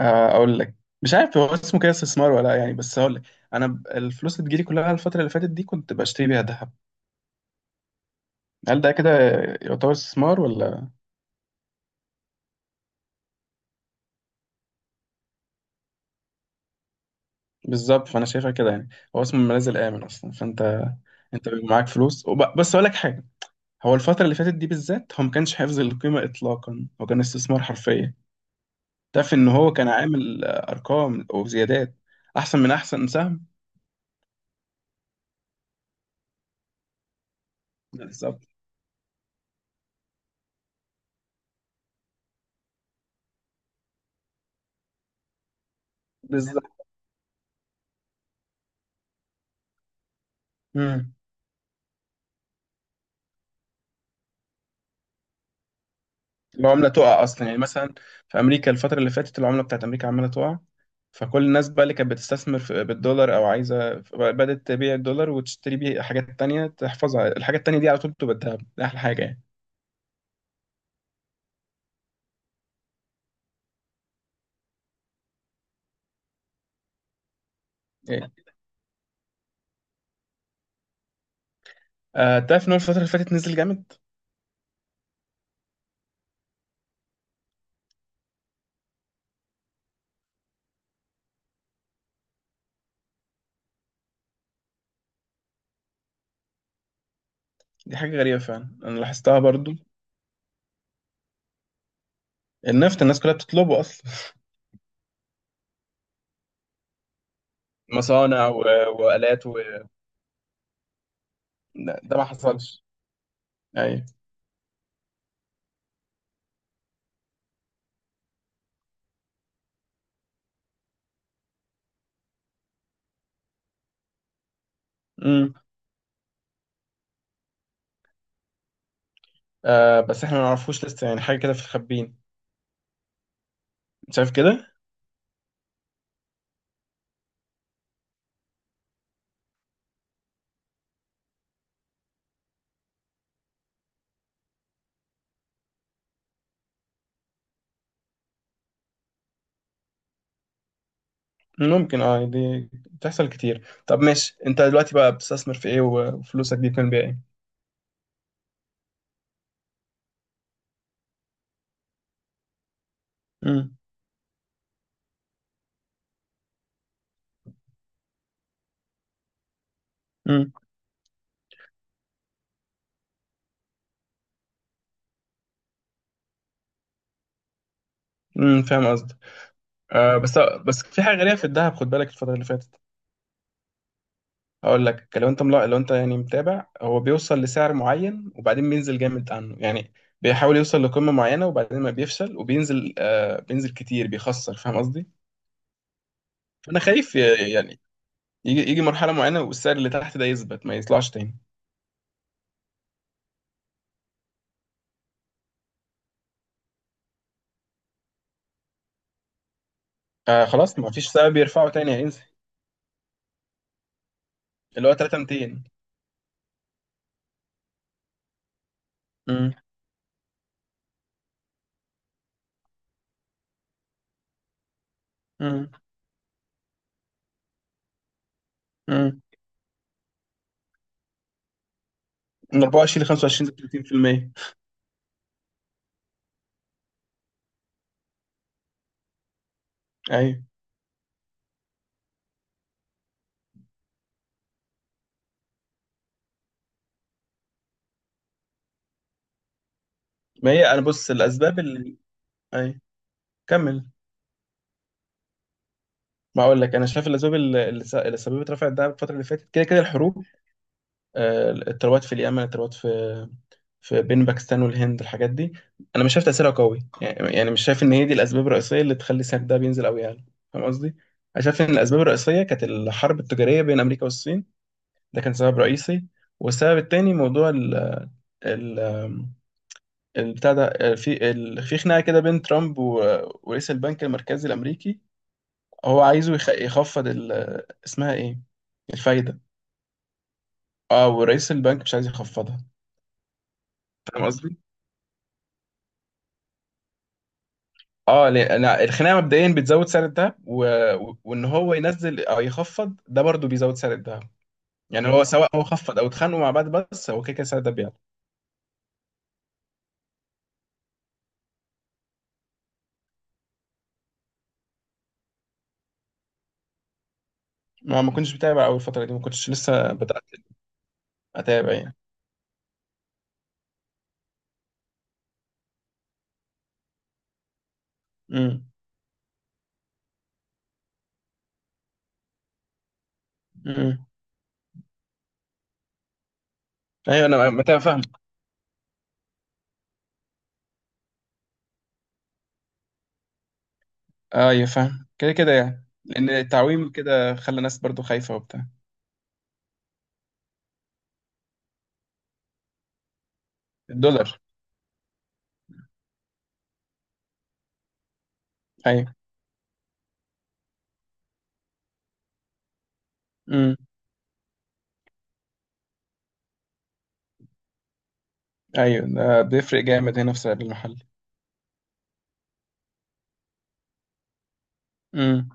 اقول لك. مش عارف هو اسمه كده استثمار ولا لا، يعني بس هقول لك. انا الفلوس اللي بتجيلي كلها الفتره اللي فاتت دي كنت بشتري بيها ذهب. هل ده كده يعتبر استثمار ولا؟ بالظبط، فانا شايفها كده يعني. هو اسمه الملاذ الامن اصلا، فانت بيبقى معاك فلوس بس هقول لك حاجه. هو الفتره اللي فاتت دي بالذات، هو ما كانش حفظ القيمه اطلاقا، هو كان استثمار حرفيا. تعرف ان هو كان عامل ارقام وزيادات، احسن من احسن سهم. بالظبط، بالظبط. مم. العملة تقع أصلا يعني، مثلا في أمريكا الفترة اللي فاتت العملة بتاعت أمريكا عمالة تقع. فكل الناس بقى اللي كانت بتستثمر في بالدولار أو عايزة بدأت تبيع الدولار وتشتري بيه حاجات تانية تحفظها، الحاجات التانية دي على طول بتبقى الذهب، دي أحلى حاجة يعني. إيه. آه، تعرف إن هو الفترة اللي فاتت نزل جامد. دي حاجة غريبة فعلا، أنا لاحظتها برضو. النفط الناس كلها بتطلبه أصلا. مصانع و، وآلات و. لا، ده ما حصلش. أيوة. أمم. آه بس، إحنا ما نعرفوش لسه يعني، حاجة كده في الخبين. شايف كده؟ ممكن، اه، دي بتحصل كتير. طب ماشي، انت دلوقتي بقى بتستثمر في ايه؟ وفلوسك دي بتعمل بيها ايه؟ امم. امم. امم. فاهم قصدك. آه بس، في حاجه غريبه في الذهب، خد بالك الفتره اللي فاتت. هقول لك، لو انت لو انت يعني متابع، هو بيوصل لسعر معين وبعدين بينزل جامد عنه يعني. بيحاول يوصل لقمه معينه وبعدين ما بيفشل وبينزل، بينزل كتير بيخسر، فاهم قصدي؟ فانا خايف يعني يجي مرحله معينه والسعر اللي تحت ده يثبت ما يطلعش تاني. آه خلاص، ما فيش سبب يرفعه تاني، هينزل اللي هو 3200. امم. امم. امم. من 24 ل 25 ل 30%. ايوه. ما هي انا بص الاسباب اللي. ايوه، كمل. ما اقول لك، انا شايف الاسباب اللي اللي سببت رفع الدعم الفتره اللي فاتت كده كده، الحروب، التروات في اليمن، التروات في بين باكستان والهند، الحاجات دي. انا مش شايف تاثيرها قوي يعني مش شايف ان هي دي الاسباب الرئيسيه اللي تخلي سعر الدهب ينزل قوي يعني. فاهم قصدي؟ انا شايف ان الاسباب الرئيسيه كانت الحرب التجاريه بين امريكا والصين، ده كان سبب رئيسي. والسبب التاني، موضوع البتاع ده، في في خناقه كده بين ترامب ورئيس البنك المركزي الامريكي. هو عايزه يخفض اسمها ايه؟ الفايده. اه، ورئيس البنك مش عايز يخفضها. فاهم قصدي. اه، لان الخناقه مبدئيا بتزود سعر الذهب، وان هو ينزل او يخفض ده برضه بيزود سعر الذهب. يعني هو سواء هو خفض او اتخانقوا مع بعض بس، هو كده كده سعر الذهب بيعلى. ما كنتش بتابع اول الفتره دي، ما كنتش لسه بدات اتابع يعني. امم. امم. ايوه، انا متابع. ايوه، فاهم. كده كده يعني، لان التعويم كده خلى الناس برضو خايفه وبتاع. الدولار. ايوه. امم. ايوه، ده بيفرق جامد هنا في السعر المحلي. امم.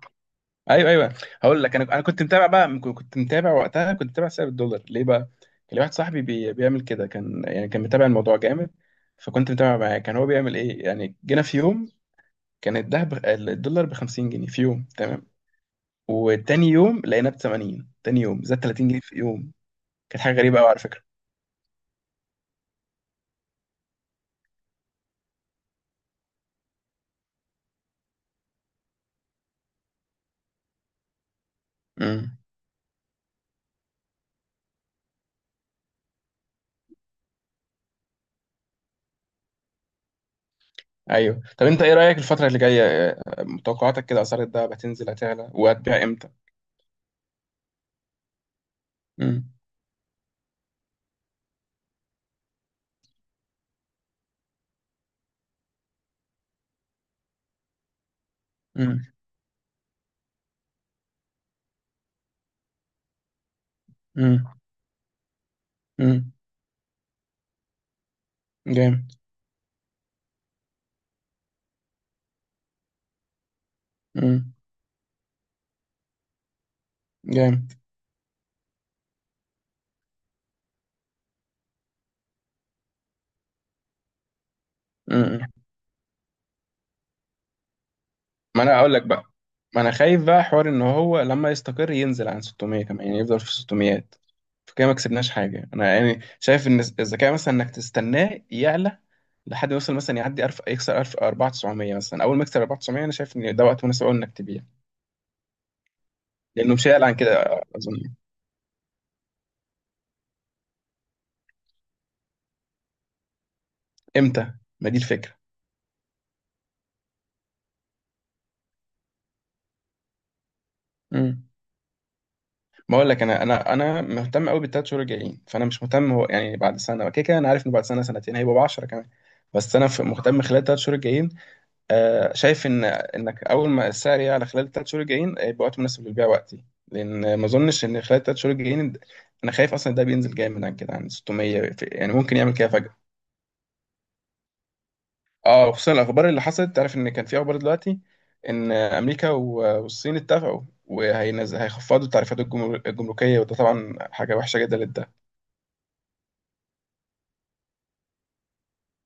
ايوه. ايوه، هقول لك، انا كنت متابع بقى، كنت متابع وقتها، كنت متابع سعر الدولار ليه بقى. كان لي واحد صاحبي بيعمل كده، كان يعني كان متابع الموضوع جامد. فكنت متابع معاه، كان هو بيعمل ايه يعني. جينا في يوم كان الدهب الدولار ب 50 جنيه في يوم تمام، وتاني يوم لقيناه ب 80. تاني يوم زاد 30 جنيه في يوم، كانت حاجه غريبه قوي على فكره. امم. ايوه. طب انت ايه رايك الفتره اللي جايه، متوقعاتك كده، اسعار الدهب هتنزل هتعلى؟ وهتبيع امتى؟ امم. امم. امم. امم. جامد. امم. جامد. امم ما انا اقول لك بقى، ما انا خايف بقى حوار ان هو لما يستقر ينزل عن 600 كمان، يعني يفضل في 600. فكده ما كسبناش حاجه. انا يعني شايف ان الذكاء مثلا انك تستناه يعلى لحد ما يوصل، مثلا يعدي ألف، يكسر 1000 4900 مثلا. اول ما يكسر 4900، انا شايف ان ده وقت مناسب قوي انك تبيع، لانه مش هيعلى عن كده اظن. امتى؟ ما دي الفكره. امم. بقول لك، انا مهتم قوي بالثلاث شهور الجايين، فانا مش مهتم هو يعني بعد سنه. كده كده انا عارف ان بعد سنه سنتين هيبقوا ب 10 كمان. بس انا مهتم خلال الثلاث شهور الجايين. آه، شايف ان انك اول ما السعر يعلى خلال الثلاث شهور الجايين يبقى وقت مناسب للبيع وقتي. لان ما اظنش ان خلال الثلاث شهور الجايين، انا خايف اصلا ده بينزل جامد عن كده عن 600 يعني، ممكن يعمل كده. اه، وخصوصا الاخبار اللي حصلت. تعرف ان كان في اخبار دلوقتي ان امريكا والصين اتفقوا، هيخفضوا التعريفات الجمركيه، وده طبعا حاجه وحشه جدا للدهب.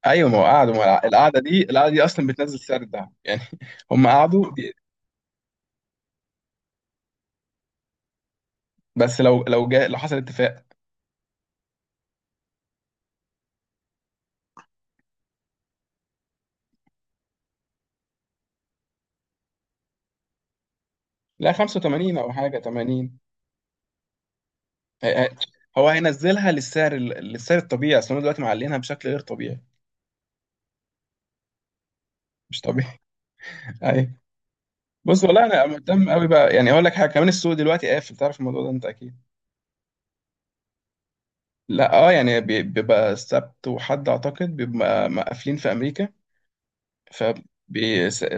ايوه، ما هو قعدوا، ما هو القعده دي اصلا بتنزل سعر الدهب يعني. هم قعدوا بس لو، جاء، لو حصل اتفاق. لا 85 او حاجه 80. هي- هي- هو هينزلها للسعر للسعر الطبيعي، اصل هم دلوقتي معلينها بشكل غير طبيعي، مش طبيعي. ايوه. بص والله، انا مهتم قوي بقى يعني. اقول لك حاجه كمان، السوق دلوقتي قافل، تعرف الموضوع ده انت اكيد. لا، اه يعني بيبقى سبت وحد اعتقد بيبقى مقفلين في امريكا. ف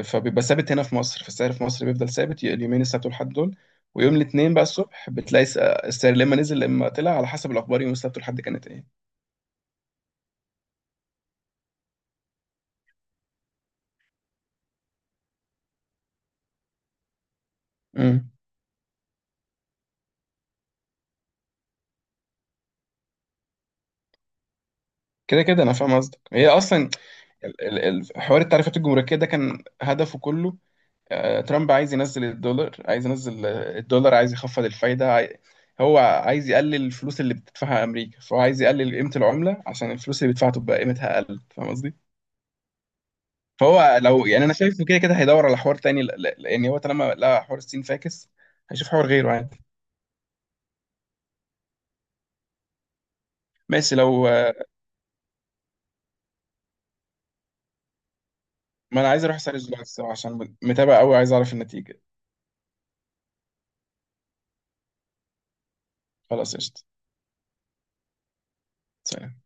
فبيبقى ثابت هنا في مصر، فالسعر في مصر بيفضل ثابت اليومين السبت والحد دول. ويوم الاثنين بقى الصبح بتلاقي السعر لما نزل لما طلع على حسب الاخبار يوم السبت والحد كانت ايه. امم. كده كده انا فاهم قصدك. هي اصلا حوار التعريفات الجمركيه ده كان هدفه كله، ترامب عايز ينزل الدولار، عايز ينزل الدولار، عايز يخفض الفايدة هو عايز يقلل الفلوس اللي بتدفعها أمريكا، فهو عايز يقلل قيمة العملة عشان الفلوس اللي بيدفعها تبقى قيمتها أقل، فاهم قصدي؟ فهو لو يعني، أنا شايفه كده كده هيدور على حوار تاني لأن هو طالما لقى حوار الصين فاكس، هيشوف حوار غيره عادي. ماشي. لو آه، ما أنا عايز أروح أسأل الزراعة الصراحة عشان متابع أوي، عايز أعرف النتيجة. خلاص قشطة. سلام.